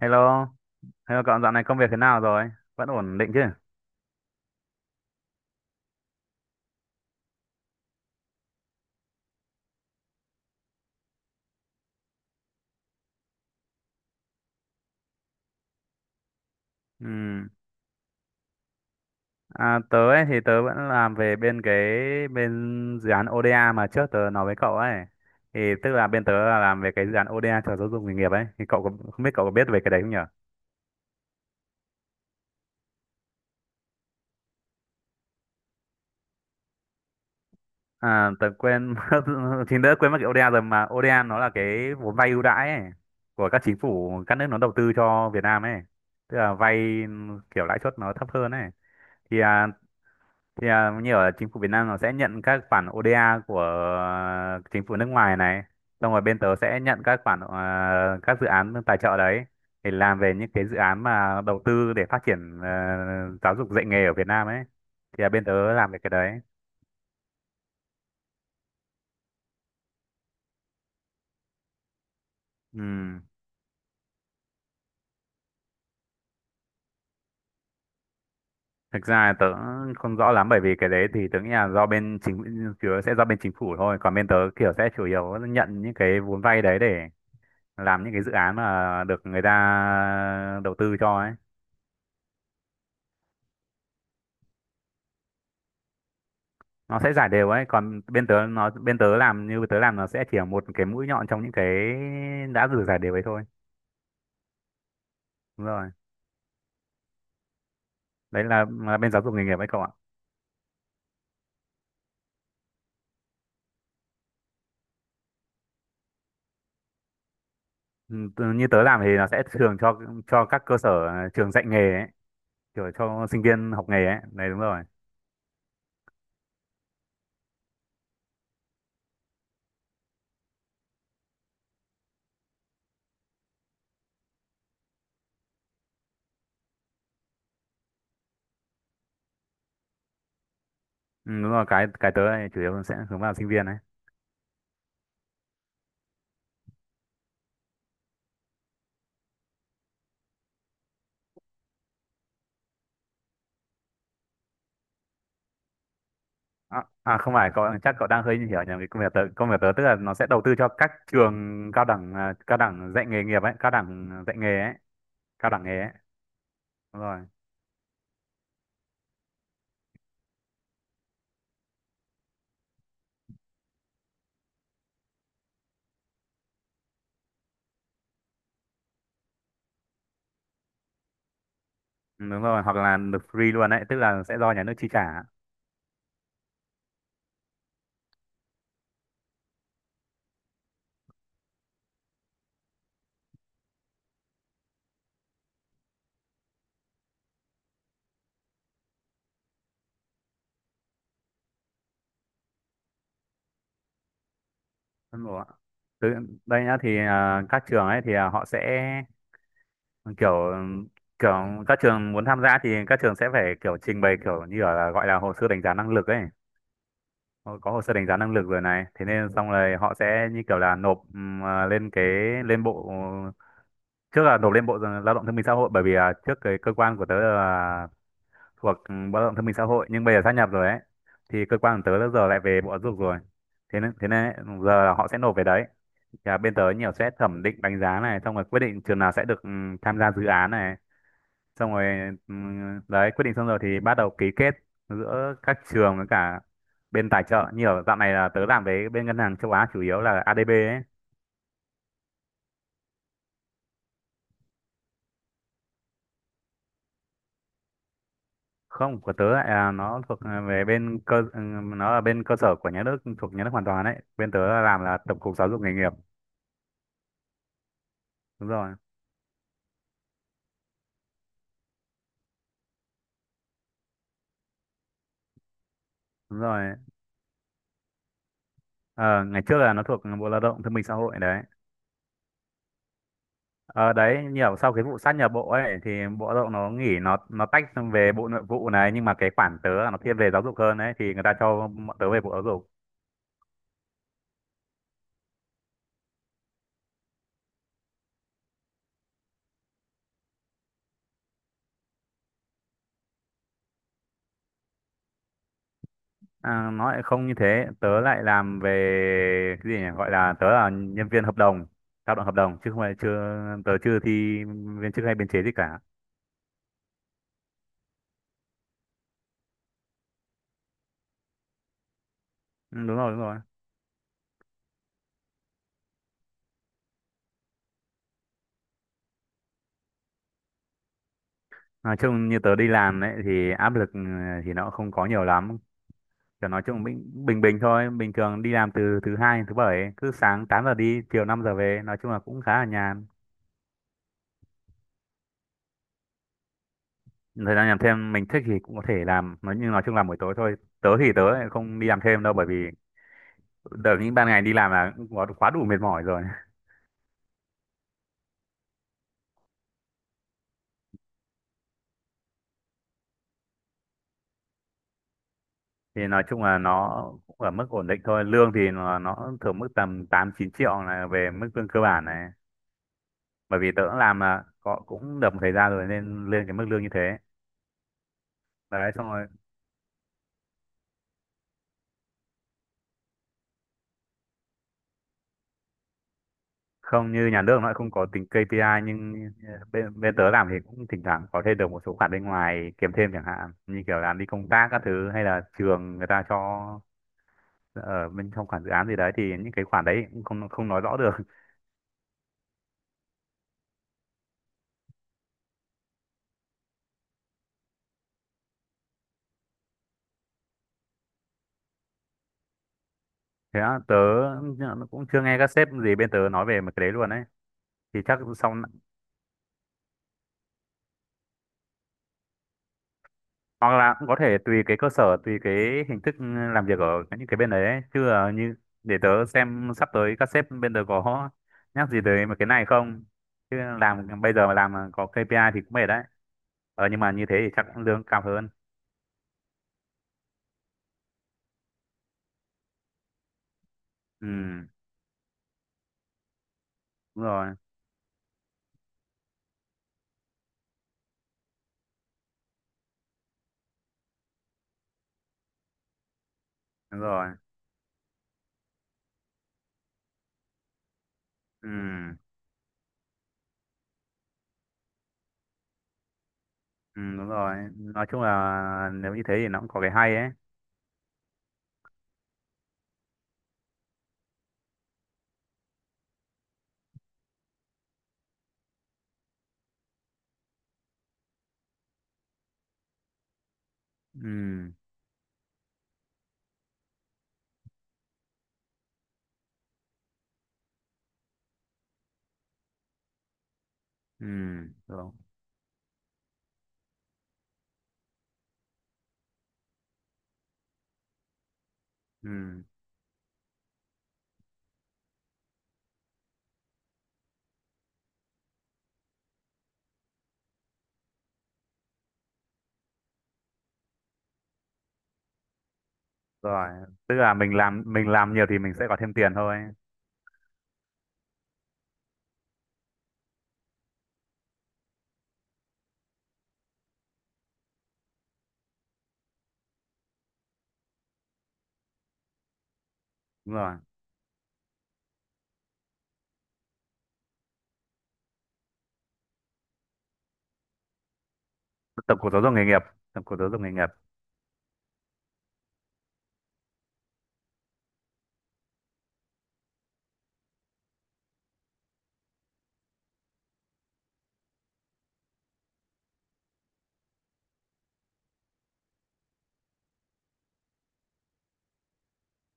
Hello, hello, cậu dạo này công việc thế nào rồi? Vẫn ổn định chứ? Ừm, À, tớ ấy thì tớ vẫn làm về bên dự án ODA mà trước tớ nói với cậu ấy. Thì tức là bên tớ là làm về cái dự án ODA cho giáo dục nghề nghiệp ấy. Thì không biết cậu có biết về cái đấy không nhở? À, tớ quên mất, thì đỡ quên mất cái ODA rồi, mà ODA nó là cái vốn vay ưu đãi ấy, của các chính phủ các nước nó đầu tư cho Việt Nam ấy. Tức là vay kiểu lãi suất nó thấp hơn ấy. Thì như ở chính phủ Việt Nam nó sẽ nhận các khoản ODA của chính phủ nước ngoài này, xong rồi bên tớ sẽ nhận các dự án tài trợ đấy để làm về những cái dự án mà đầu tư để phát triển, giáo dục dạy nghề ở Việt Nam ấy. Thì bên tớ làm về cái đấy. Ừ. Thực ra tớ không rõ lắm, bởi vì cái đấy thì tớ nghĩ là do bên chính chủ yếu sẽ do bên chính phủ thôi, còn bên tớ kiểu sẽ chủ yếu nhận những cái vốn vay đấy để làm những cái dự án mà được người ta đầu tư cho ấy. Nó sẽ giải đều ấy, còn bên tớ làm, như tớ làm nó sẽ chỉ là một cái mũi nhọn trong những cái đã rửa giải đều ấy thôi. Đúng rồi, đấy là bên giáo dục nghề nghiệp ấy cậu ạ. Ừ, như tớ làm thì nó sẽ thường cho các cơ sở trường dạy nghề ấy, kiểu cho sinh viên học nghề ấy, đấy đúng rồi. Ừ, đúng rồi, cái tớ này chủ yếu sẽ hướng vào sinh viên ấy. À, không phải, cậu chắc cậu đang hơi hiểu nhầm cái Công việc tớ tức là nó sẽ đầu tư cho các trường cao đẳng, cao đẳng dạy nghề nghiệp ấy, cao đẳng dạy nghề ấy, cao đẳng nghề ấy, đúng rồi. Ừ, đúng rồi, hoặc là được free luôn đấy, tức là sẽ do nhà nước chi trả. Đúng rồi ạ. Từ đây nhá, thì các trường ấy thì họ sẽ kiểu kiểu các trường muốn tham gia thì các trường sẽ phải kiểu trình bày kiểu như kiểu là gọi là hồ sơ đánh giá năng lực ấy. Họ có hồ sơ đánh giá năng lực rồi này, thế nên xong rồi họ sẽ như kiểu là nộp lên bộ, trước là nộp lên Bộ Lao động Thương binh Xã hội, bởi vì trước cái cơ quan của tớ là thuộc Bộ Lao động Thương binh Xã hội, nhưng bây giờ sát nhập rồi ấy, thì cơ quan của tớ đã giờ lại về Bộ Giáo dục rồi. Thế nên giờ là họ sẽ nộp về đấy, và bên tớ nhiều sẽ thẩm định đánh giá này, xong rồi quyết định trường nào sẽ được tham gia dự án này, xong rồi ừ, đấy, quyết định xong rồi thì bắt đầu ký kết giữa các trường với cả bên tài trợ, như ở dạo này là tớ làm với bên ngân hàng châu Á, chủ yếu là ADB ấy. Không, của tớ lại là nó thuộc về bên cơ ừ, nó là bên cơ sở của nhà nước, thuộc nhà nước hoàn toàn đấy, bên tớ là làm là Tổng cục Giáo dục Nghề nghiệp. Đúng rồi. Đúng rồi. Ờ, Ngày trước là nó thuộc Bộ Lao động Thương binh Xã hội đấy. Ờ, Đấy, nhiều sau cái vụ sát nhập bộ ấy thì Bộ Lao động nó nghỉ nó tách sang về Bộ Nội vụ này, nhưng mà cái khoản tớ là nó thiên về giáo dục hơn đấy, thì người ta cho bọn tớ về Bộ Giáo dục. À, nó lại không như thế, tớ lại làm về cái gì nhỉ? Gọi là tớ là nhân viên hợp đồng, lao động hợp đồng chứ không phải, chưa tớ chưa thi viên chức hay biên chế gì cả. Ừ, đúng rồi, đúng rồi. Nói chung như tớ đi làm ấy thì áp lực, thì nó không có nhiều lắm, kiểu nói chung bình bình bình thôi, bình thường đi làm từ thứ hai đến thứ bảy ấy. Cứ sáng 8 giờ đi, chiều 5 giờ về, nói chung là cũng khá là nhàn. Thời gian làm thêm mình thích thì cũng có thể làm, nhưng nói chung là buổi tối thôi. Tớ thì tớ lại không đi làm thêm đâu, bởi vì đợt những ban ngày đi làm là cũng quá quá đủ mệt mỏi rồi. Thì nói chung là nó cũng ở mức ổn định thôi, lương thì nó thường mức tầm 8-9 triệu là về mức lương cơ bản này, bởi vì tớ cũng làm là có cũng được một thời gian rồi nên lên cái mức lương như thế. Đấy xong rồi, không như nhà nước nó lại không có tính KPI, nhưng bên bên tớ làm thì cũng thỉnh thoảng có thêm được một số khoản bên ngoài kiếm thêm, chẳng hạn như kiểu làm đi công tác các thứ, hay là trường người ta cho ở bên trong khoản dự án gì đấy, thì những cái khoản đấy cũng không không nói rõ được. Thế á? Tớ cũng chưa nghe các sếp gì bên tớ nói về một cái đấy luôn đấy, thì chắc sau, hoặc là cũng có thể tùy cái cơ sở, tùy cái hình thức làm việc ở những cái bên đấy ấy. Chứ như để tớ xem sắp tới các sếp bên tớ có nhắc gì tới một cái này không, chứ làm bây giờ mà làm mà có KPI thì cũng mệt đấy. Nhưng mà như thế thì chắc cũng lương cao hơn. Ừ, đúng rồi, đúng rồi, ừ, ừ, đúng rồi. Nói chung là nếu như thế thì nó cũng có cái hay ấy. Ừ, ừ, đúng ừ rồi. Tức là mình làm nhiều thì mình sẽ có thêm tiền thôi. Đúng rồi. Tổng cục Giáo dục Nghề nghiệp. Tổng cục Giáo dục Nghề nghiệp.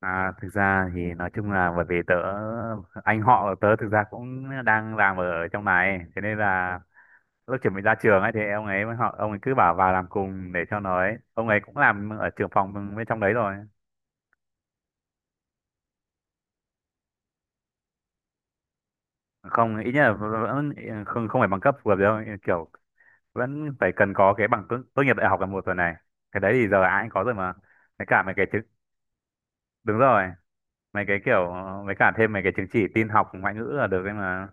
Thực ra thì nói chung là bởi vì anh họ của tớ thực ra cũng đang làm ở trong này, thế nên là lúc chuẩn bị ra trường ấy thì ông ấy cứ bảo vào làm cùng để cho nó ấy, ông ấy cũng làm ở trưởng phòng bên trong đấy rồi. Không, ít nhất là vẫn không không phải bằng cấp vừa đâu, kiểu vẫn phải cần có cái bằng tốt tốt nghiệp đại học là một rồi này, cái đấy thì giờ ai cũng có rồi mà. Mấy cả mấy cái chứng, đúng rồi, mấy cái kiểu, mấy cả thêm mấy cái chứng chỉ tin học ngoại ngữ là được ấy mà.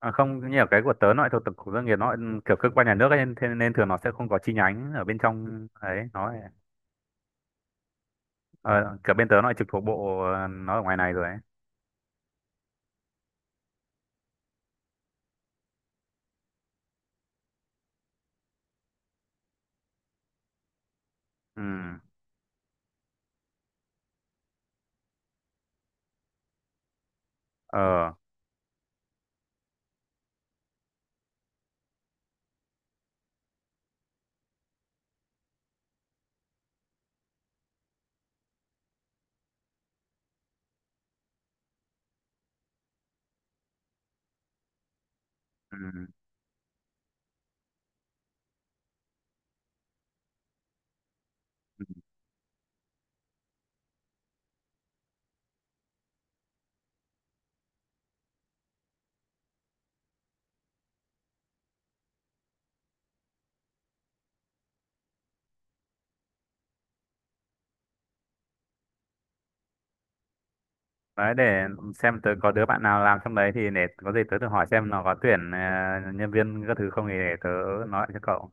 À không, như ở cái của tớ nó lại thuộc Tổng cục Doanh nghiệp, nó lại kiểu cơ quan nhà nước ấy, nên thường nó sẽ không có chi nhánh ở bên trong ấy, kiểu bên tớ nó lại trực thuộc bộ, nó ở ngoài này rồi ấy. Ừ. Ờ. Ừ. Đấy, để xem tớ có đứa bạn nào làm trong đấy, thì để có gì tớ thử hỏi xem nó có tuyển nhân viên các thứ không, thì để tớ nói lại cho cậu.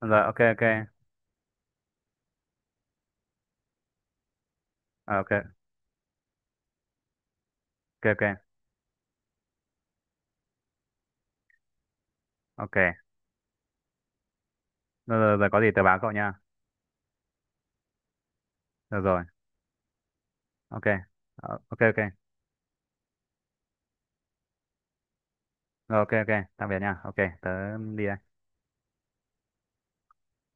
Rồi, ok ok. Ờ, ok ok ok. Ok. Rồi, rồi, rồi có gì tớ báo cậu nha. Được rồi. Ok. Ờ, ok ok. Rồi, ok ok. Tạm biệt nha. Ok, tớ đi đây.